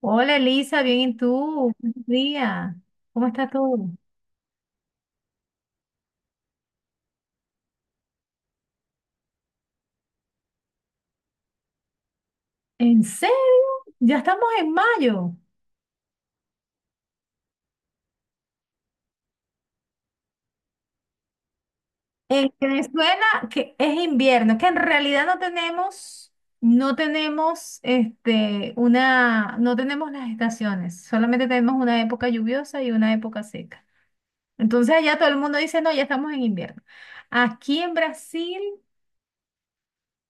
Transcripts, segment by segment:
Hola Elisa, bien, ¿y tú? Buenos días. ¿Cómo está todo? ¿En serio? Ya estamos en mayo. En Venezuela que es invierno, que en realidad no tenemos, no tenemos una, no tenemos las estaciones, solamente tenemos una época lluviosa y una época seca. Entonces allá todo el mundo dice, no, ya estamos en invierno. Aquí en Brasil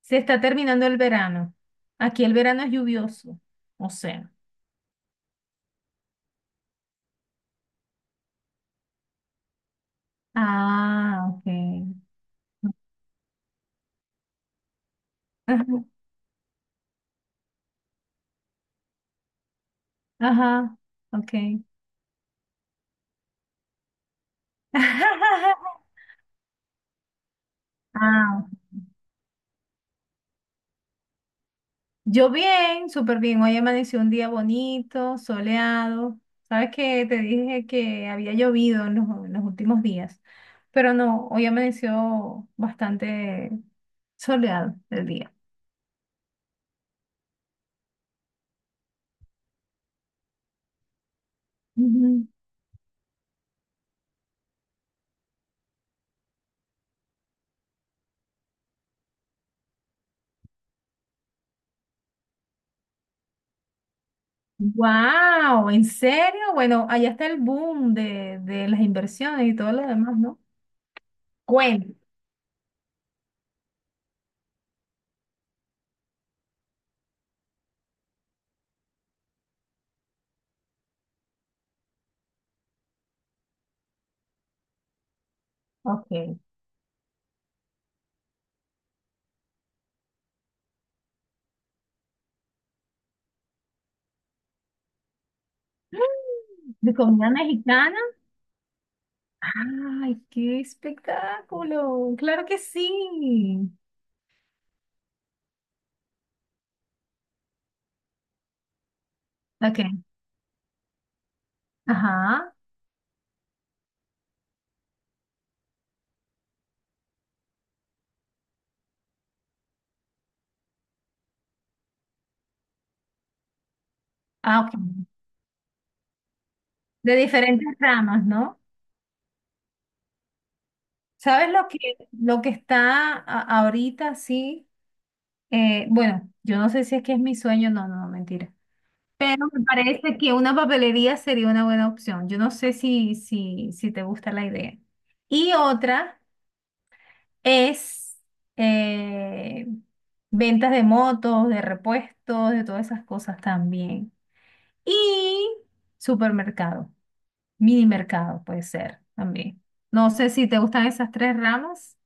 se está terminando el verano. Aquí el verano es lluvioso, o sea. Ah, ok. Ajá, ajá, ok. Ah, yo bien, súper bien. Hoy amaneció un día bonito, soleado. Sabes que te dije que había llovido en los últimos días, pero no, hoy amaneció bastante soleado el día. Ujú. Wow, ¿en serio? Bueno, allá está el boom de las inversiones y todo lo demás, ¿no? Cuenta. Ok. ¿De comida mexicana? ¡Ay, qué espectáculo! ¡Claro que sí! Ok, ajá. Ah, ok. De diferentes ramas, ¿no? ¿Sabes lo que está ahorita, sí? Bueno, yo no sé si es que es mi sueño, no, no, mentira. Pero me parece que una papelería sería una buena opción. Yo no sé si te gusta la idea. Y otra es eh, ventas de motos, de repuestos, de todas esas cosas también. Y supermercado, mini mercado puede ser también. No sé si te gustan esas tres ramas,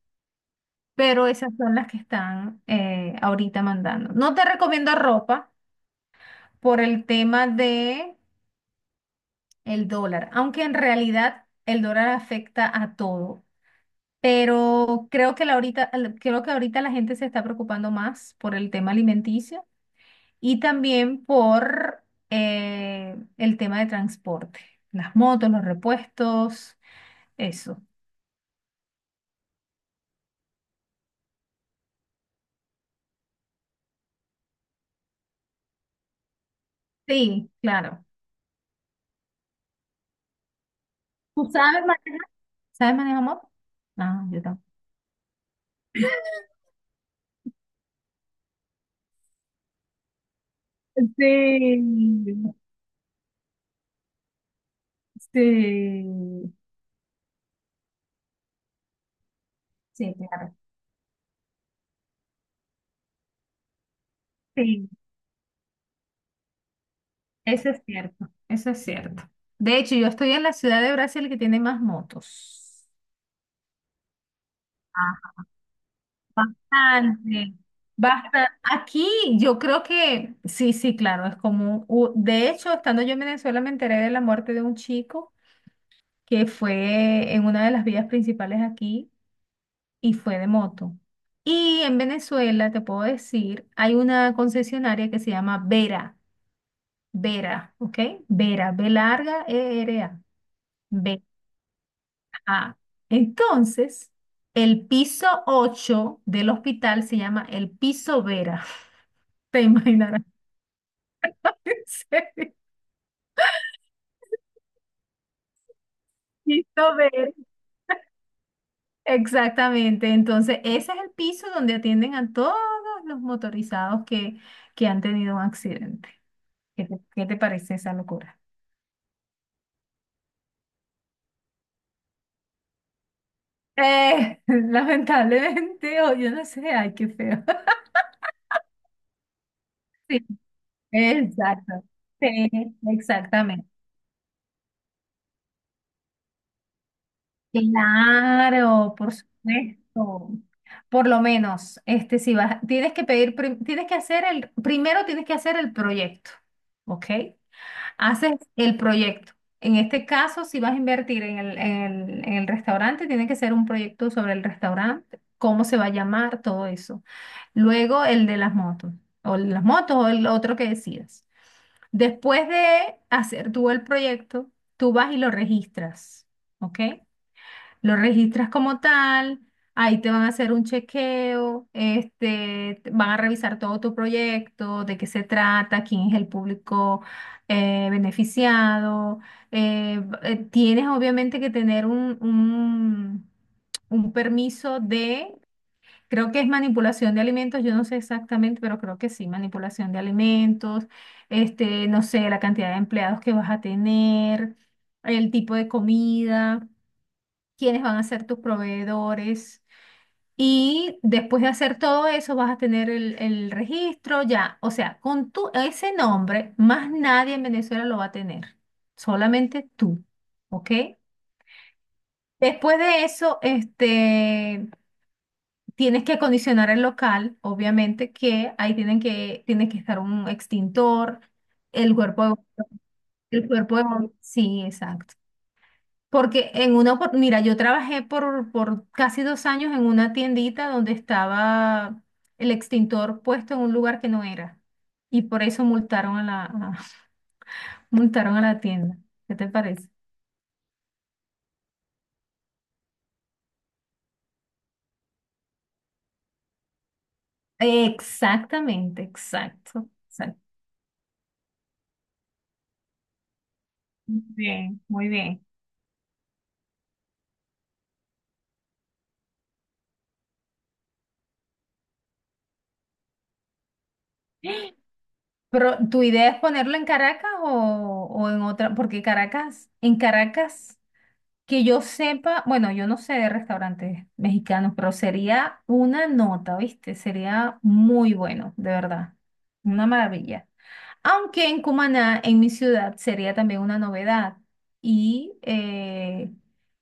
pero esas son las que están ahorita mandando. No te recomiendo ropa por el tema de el dólar, aunque en realidad el dólar afecta a todo. Pero creo que creo que ahorita la gente se está preocupando más por el tema alimenticio y también por el tema de transporte, las motos, los repuestos. Eso. Sí, claro. ¿Tú sabes, ¿Sabes manejar moto? Ah, yo tampoco. Sí, sí, sí, claro, sí. Eso es cierto, eso es cierto. De hecho, yo estoy en la ciudad de Brasil que tiene más motos. Ah, bastante, bastante. Aquí yo creo que, sí, sí, claro, es común. De hecho, estando yo en Venezuela me enteré de la muerte de un chico que fue en una de las vías principales aquí, y fue de moto. Y en Venezuela, te puedo decir, hay una concesionaria que se llama Vera, Vera, ¿ok? Vera, B larga, E R A, Vera. Entonces, el piso 8 del hospital se llama el piso Vera. ¿Te imaginarás? Sí, piso Vera, exactamente. Entonces, ese es el piso donde atienden a todos los motorizados que han tenido un accidente. Qué te parece esa locura? Lamentablemente, o yo no sé, ay, qué feo. Sí, exacto. Sí, exactamente. Claro, por supuesto. Por lo menos, este, si vas, tienes que pedir, tienes que hacer el, primero tienes que hacer el proyecto, ¿ok? Haces el proyecto. En este caso, si vas a invertir en el, en el restaurante, tiene que ser un proyecto sobre el restaurante, cómo se va a llamar, todo eso. Luego el de las motos, o el de las motos, o el otro que decidas. Después de hacer tú el proyecto, tú vas y lo registras, ¿ok? Lo registras como tal, ahí te van a hacer un chequeo, este, van a revisar todo tu proyecto, de qué se trata, quién es el público beneficiado. Tienes obviamente que tener un permiso de, creo que es manipulación de alimentos, yo no sé exactamente, pero creo que sí, manipulación de alimentos, este, no sé, la cantidad de empleados que vas a tener, el tipo de comida quiénes van a ser tus proveedores. Y después de hacer todo eso, vas a tener el registro ya. O sea, con tu, ese nombre, más nadie en Venezuela lo va a tener. Solamente tú. ¿Ok? Después de eso, este, tienes que acondicionar el local, obviamente, que ahí tienen que, tiene que estar un extintor, el cuerpo, el cuerbo de, sí, exacto. Porque en una, mira, yo trabajé por casi 2 años en una tiendita donde estaba el extintor puesto en un lugar que no era. Y por eso multaron a multaron a la tienda. ¿Qué te parece? Exactamente, exacto, exacto. Bien, muy bien. Pero, ¿tu idea es ponerlo en Caracas o en otra? Porque Caracas, en Caracas. Que yo sepa, bueno, yo no sé de restaurantes mexicanos, pero sería una nota, ¿viste? Sería muy bueno, de verdad. Una maravilla. Aunque en Cumaná, en mi ciudad, sería también una novedad. Y eh,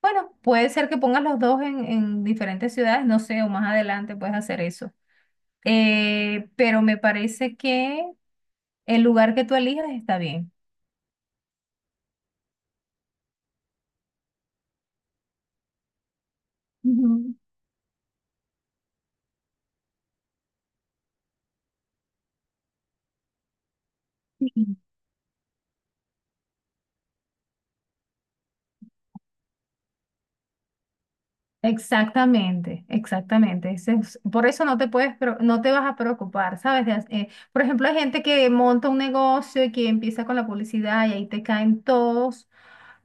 bueno, puede ser que pongas los dos en diferentes ciudades, no sé, o más adelante puedes hacer eso. Pero me parece que el lugar que tú elijas está bien. Ujú. Exactamente, exactamente. Por eso no te puedes, no te vas a preocupar, ¿sabes? Por ejemplo, hay gente que monta un negocio y que empieza con la publicidad y ahí te caen todos,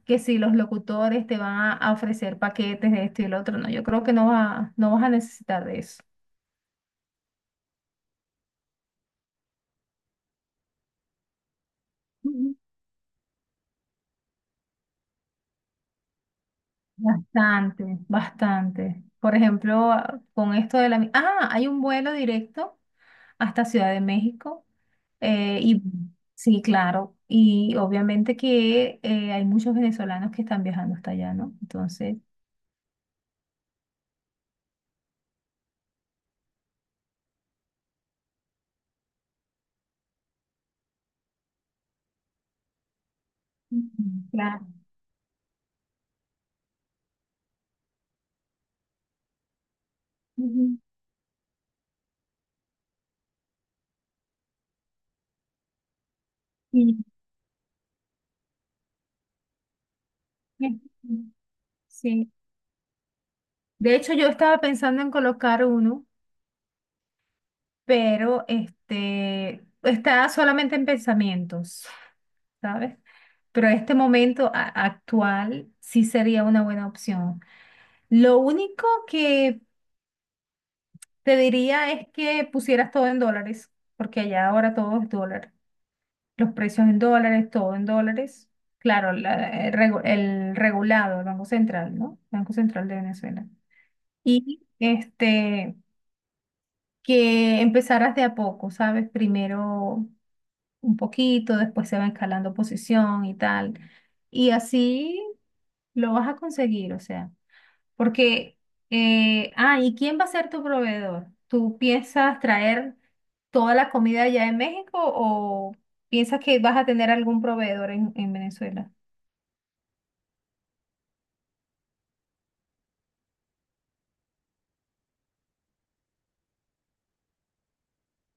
que si los locutores te van a ofrecer paquetes de esto y el otro, no, yo creo que no va, no vas a necesitar de eso. Bastante, bastante. Por ejemplo, con esto de la... Ah, hay un vuelo directo hasta Ciudad de México. Y sí, claro. Y obviamente que hay muchos venezolanos que están viajando hasta allá, ¿no? Entonces... Ujú, claro. Ujú. Y- y- Sí. De hecho, yo estaba pensando en colocar uno, pero este está solamente en pensamientos. ¿Sabes? Pero este momento actual sí sería una buena opción. Lo único que te diría es que pusieras todo en dólares, porque allá ahora todo es dólar. Los precios en dólares, todo en dólares. Claro, el regulado, el Banco Central, ¿no? Banco Central de Venezuela. Y este, que empezaras de a poco, ¿sabes? Primero un poquito, después se va escalando posición y tal. Y así lo vas a conseguir, o sea, porque, ¿y quién va a ser tu proveedor? ¿Tú piensas traer toda la comida ya de México o piensas que vas a tener algún proveedor en Venezuela?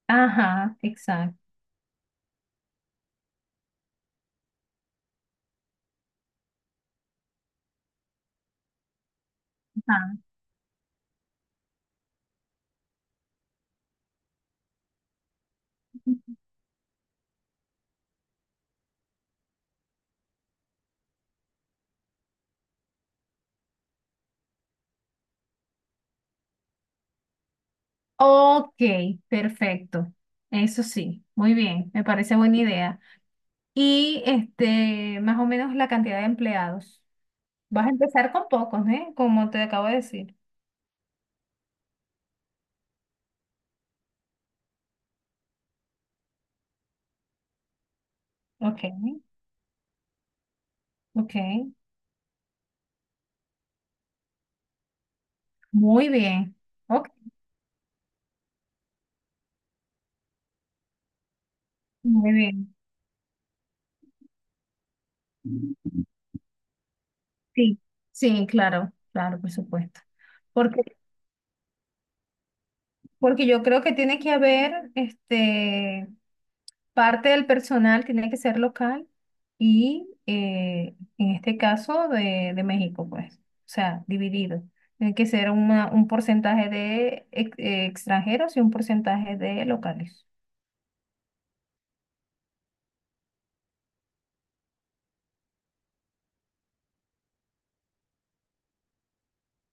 Ajá, exacto. Ajá. Ok, perfecto. Eso sí, muy bien, me parece buena idea. Y este, más o menos la cantidad de empleados. Vas a empezar con pocos, ¿eh? Como te acabo de decir. Ok, ok. Muy bien. Ok. Muy bien, sí, sí, claro, claro, por supuesto. Porque, porque yo creo que tiene que haber, este, parte del personal tiene que ser local y en este caso de México, pues, o sea, dividido. Tiene que ser un porcentaje de extranjeros y un porcentaje de locales.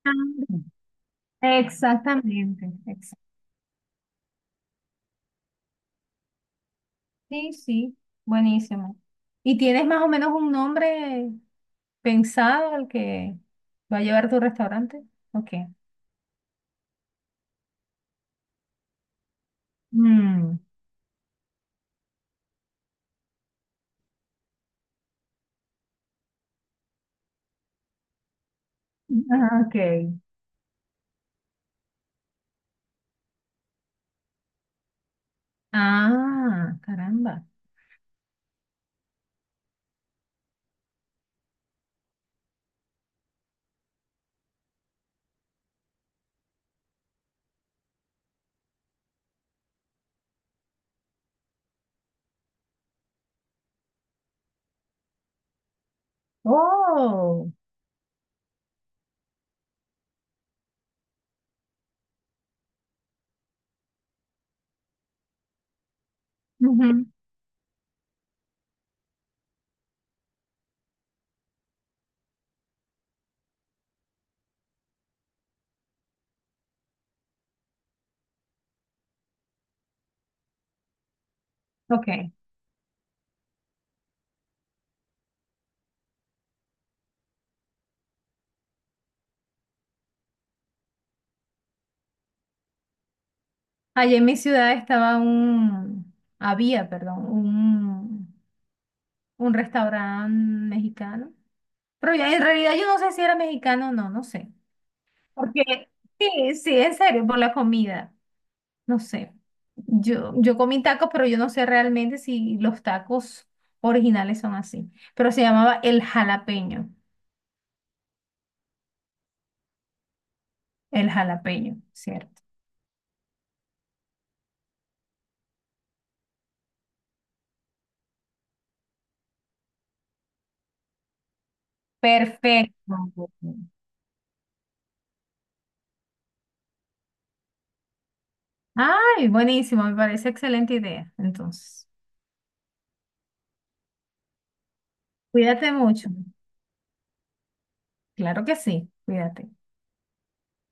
Ah, exactamente, sí, sí, buenísimo. ¿Y tienes más o menos un nombre ¿pensado el que va a llevar tu restaurante? Ok. Mm, ah, ok. Ah, caramba. Oh. Ujú, ok. Allí en mi ciudad estaba un, había, perdón, un restaurante mexicano. Pero ya, en realidad yo no sé si era mexicano o no, no sé. Porque, sí, sí, en serio, por la comida. No sé. Yo comí tacos, pero yo no sé realmente si los tacos originales son así. Pero se llamaba el jalapeño. El jalapeño, ¿cierto? Perfecto. Ay, buenísimo. Me parece excelente idea. Entonces, cuídate mucho. Claro que sí. Cuídate.